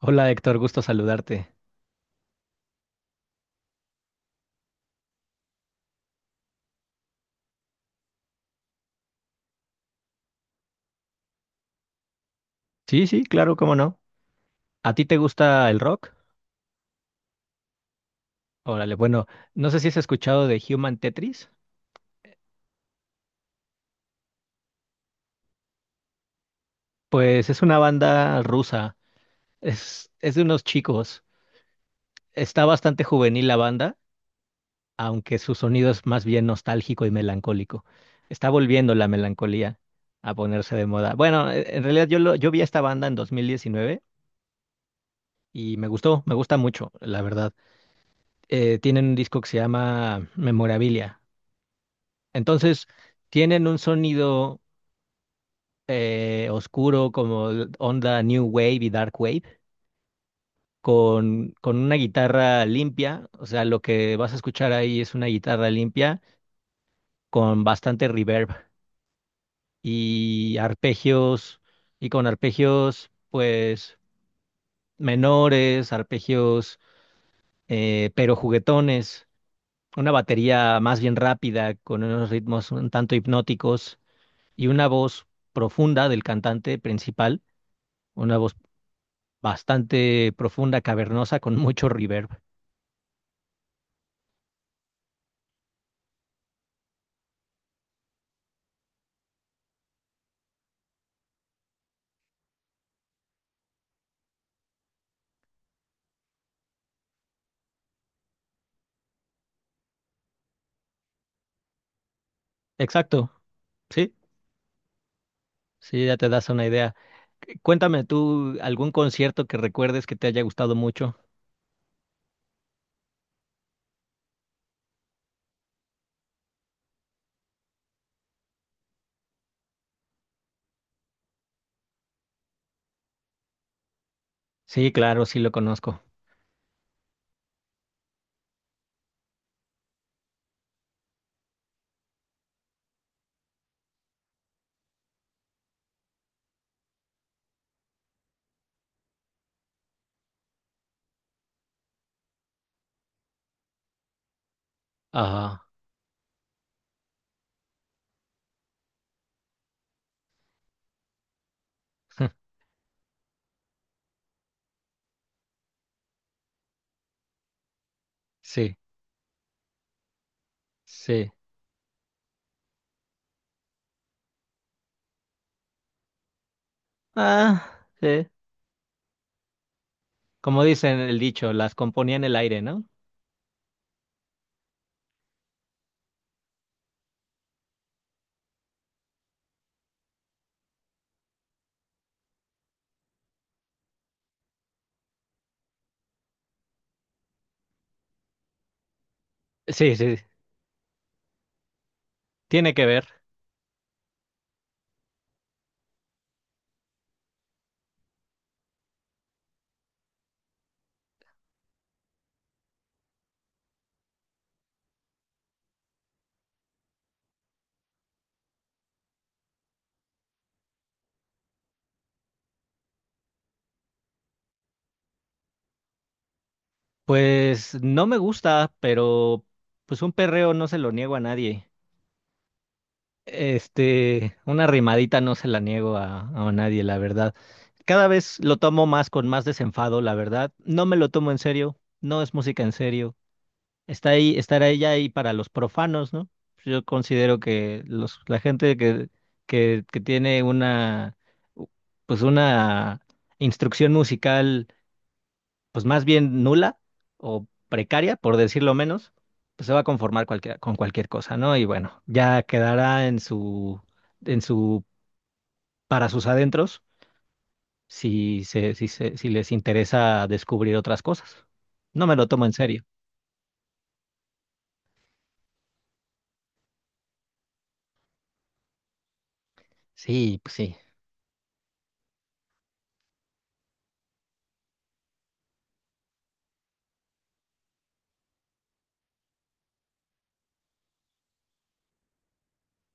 Hola Héctor, gusto saludarte. Sí, sí, claro, cómo no. ¿A ti te gusta el rock? Órale, bueno, no sé si has escuchado de Human Tetris. Pues es una banda rusa, es de unos chicos. Está bastante juvenil la banda, aunque su sonido es más bien nostálgico y melancólico. Está volviendo la melancolía a ponerse de moda. Bueno, en realidad yo, yo vi a esta banda en 2019 y me gustó, me gusta mucho, la verdad. Tienen un disco que se llama Memorabilia. Entonces, tienen un sonido oscuro como onda New Wave y Dark Wave, con una guitarra limpia. O sea, lo que vas a escuchar ahí es una guitarra limpia con bastante reverb y arpegios, y con arpegios, pues, menores, arpegios, pero juguetones. Una batería más bien rápida, con unos ritmos un tanto hipnóticos y una voz profunda del cantante principal. Una voz bastante profunda, cavernosa, con mucho reverb. Exacto, sí, sí, ya te das una idea. Cuéntame tú algún concierto que recuerdes que te haya gustado mucho. Sí, claro, sí lo conozco. Ajá. Sí, sí. Ah, sí. Como dicen el dicho, las componía en el aire, ¿no? Sí, sí, tiene que ver. Pues no me gusta, pero pues un perreo no se lo niego a nadie. Este, una rimadita no se la niego a nadie, la verdad. Cada vez lo tomo más con más desenfado, la verdad. No me lo tomo en serio, no es música en serio. Está ahí, estará ella ahí para los profanos, ¿no? Yo considero que la gente que, que tiene pues una instrucción musical pues más bien nula o precaria, por decirlo menos, pues se va a conformar con cualquier cosa, ¿no? Y bueno, ya quedará en su, en su, para sus adentros, si les interesa descubrir otras cosas. No me lo tomo en serio. Sí, pues sí.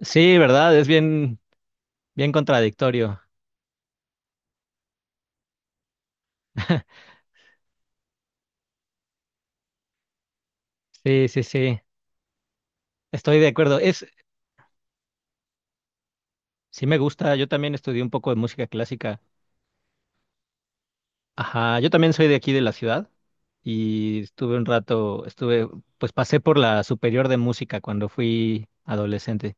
Sí, ¿verdad? Es bien, bien contradictorio. Sí, sí, sí. Estoy de acuerdo. Sí me gusta. Yo también estudié un poco de música clásica. Ajá, yo también soy de aquí de la ciudad y estuve un rato, pues pasé por la superior de música cuando fui adolescente.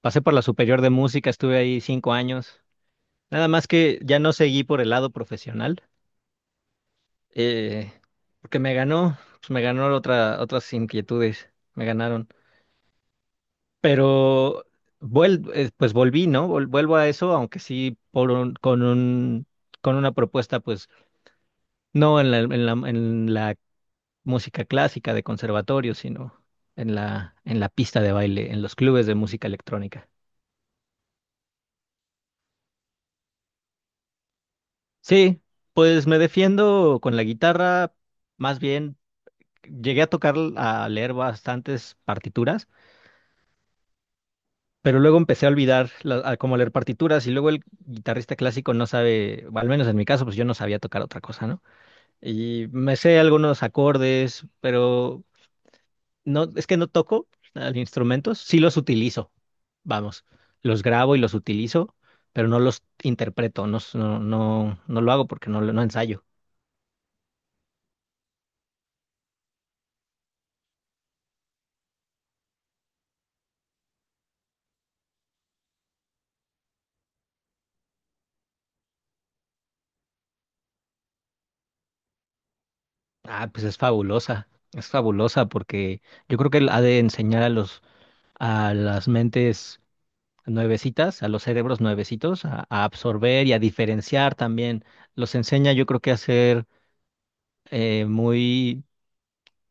Pasé por la superior de música, estuve ahí 5 años. Nada más que ya no seguí por el lado profesional, eh, porque me ganó, pues me ganó otras inquietudes, me ganaron. Pero pues volví, ¿no? Vuelvo a eso, aunque sí por con un, con una propuesta, pues no en la, música clásica de conservatorio, sino en la pista de baile, en los clubes de música electrónica. Sí, pues me defiendo con la guitarra, más bien llegué a tocar, a leer bastantes partituras, pero luego empecé a olvidar a cómo leer partituras y luego el guitarrista clásico no sabe, o al menos en mi caso, pues yo no sabía tocar otra cosa, ¿no? Y me sé algunos acordes, pero no, es que no toco nada instrumentos, sí los utilizo, vamos, los grabo y los utilizo, pero no los interpreto, no lo hago porque no ensayo. Ah, pues es fabulosa porque yo creo que él ha de enseñar a a las mentes nuevecitas, a los cerebros nuevecitos, a absorber y a diferenciar también. Los enseña, yo creo que a ser muy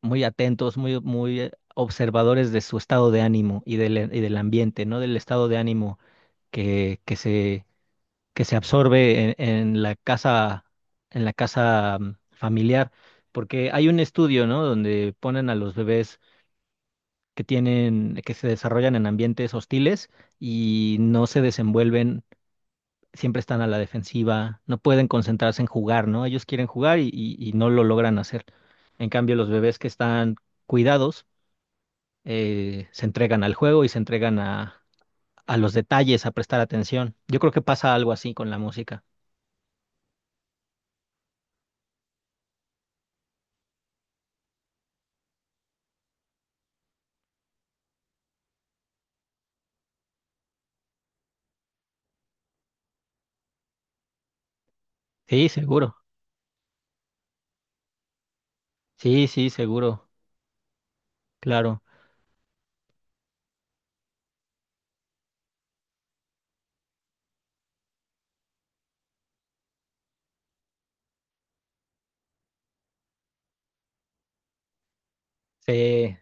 muy atentos, muy, muy observadores de su estado de ánimo y del ambiente, ¿no? Del estado de ánimo que, que se, que se absorbe en la casa, familiar. Porque hay un estudio, ¿no? Donde ponen a los bebés que se desarrollan en ambientes hostiles y no se desenvuelven, siempre están a la defensiva, no pueden concentrarse en jugar, ¿no? Ellos quieren jugar y no lo logran hacer. En cambio, los bebés que están cuidados, se entregan al juego y se entregan a los detalles, a prestar atención. Yo creo que pasa algo así con la música. Sí, seguro. Sí, sí, seguro. Claro. Sí,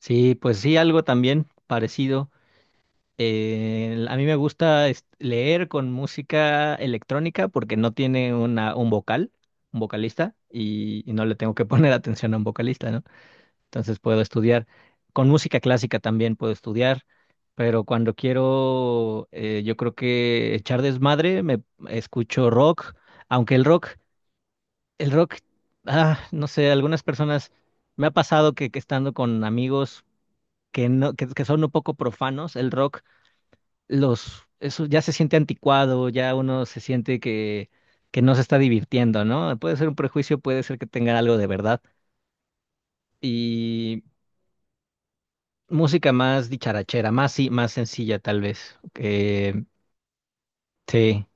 sí, pues sí, algo también parecido. A mí me gusta leer con música electrónica porque no tiene un vocalista, y no le tengo que poner atención a un vocalista, ¿no? Entonces puedo estudiar. Con música clásica también puedo estudiar, pero cuando quiero, yo creo que echar desmadre, me escucho rock, aunque el rock, el rock, ah, no sé, algunas personas me ha pasado que estando con amigos que no, que son un poco profanos, el rock, eso ya se siente anticuado, ya uno se siente que no se está divirtiendo, ¿no? Puede ser un prejuicio, puede ser que tenga algo de verdad. Y música más dicharachera, más, sí, más sencilla tal vez. Sí,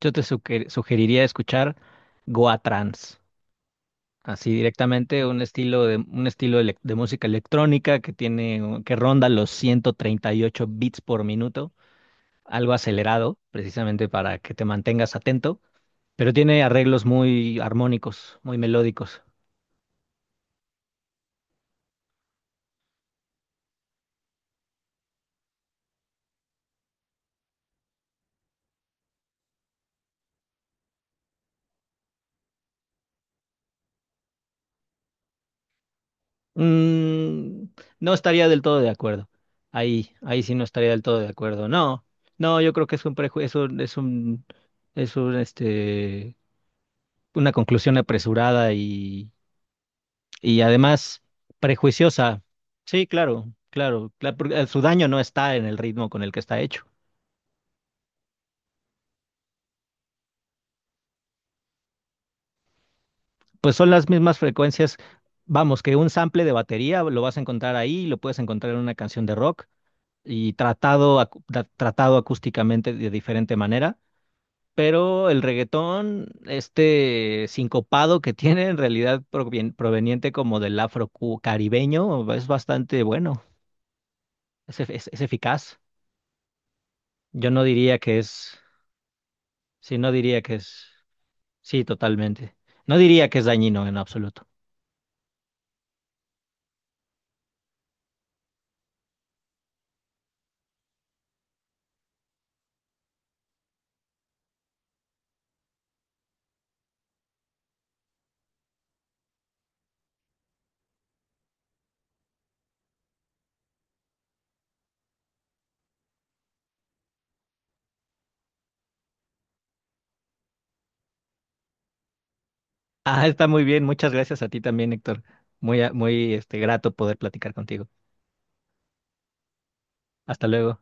yo te sugeriría escuchar Goa Trance, así directamente un estilo de un estilo de música electrónica que tiene que ronda los 138 beats por minuto, algo acelerado, precisamente para que te mantengas atento, pero tiene arreglos muy armónicos, muy melódicos. Mm, no estaría del todo de acuerdo. Ahí sí no estaría del todo de acuerdo. No, no, yo creo que es un prejuicio, es un, este, una conclusión apresurada y además prejuiciosa. Sí, claro, claro, porque, su daño no está en el ritmo con el que está hecho. Pues son las mismas frecuencias. Vamos, que un sample de batería lo vas a encontrar ahí, lo puedes encontrar en una canción de rock y tratado acústicamente de diferente manera, pero el reggaetón, este sincopado que tiene en realidad proveniente como del caribeño, es bastante bueno, es eficaz. Yo no diría que es, sí, no diría que es, sí, totalmente. No diría que es dañino en absoluto. Ah, está muy bien, muchas gracias a ti también, Héctor. Muy, muy este, grato poder platicar contigo. Hasta luego.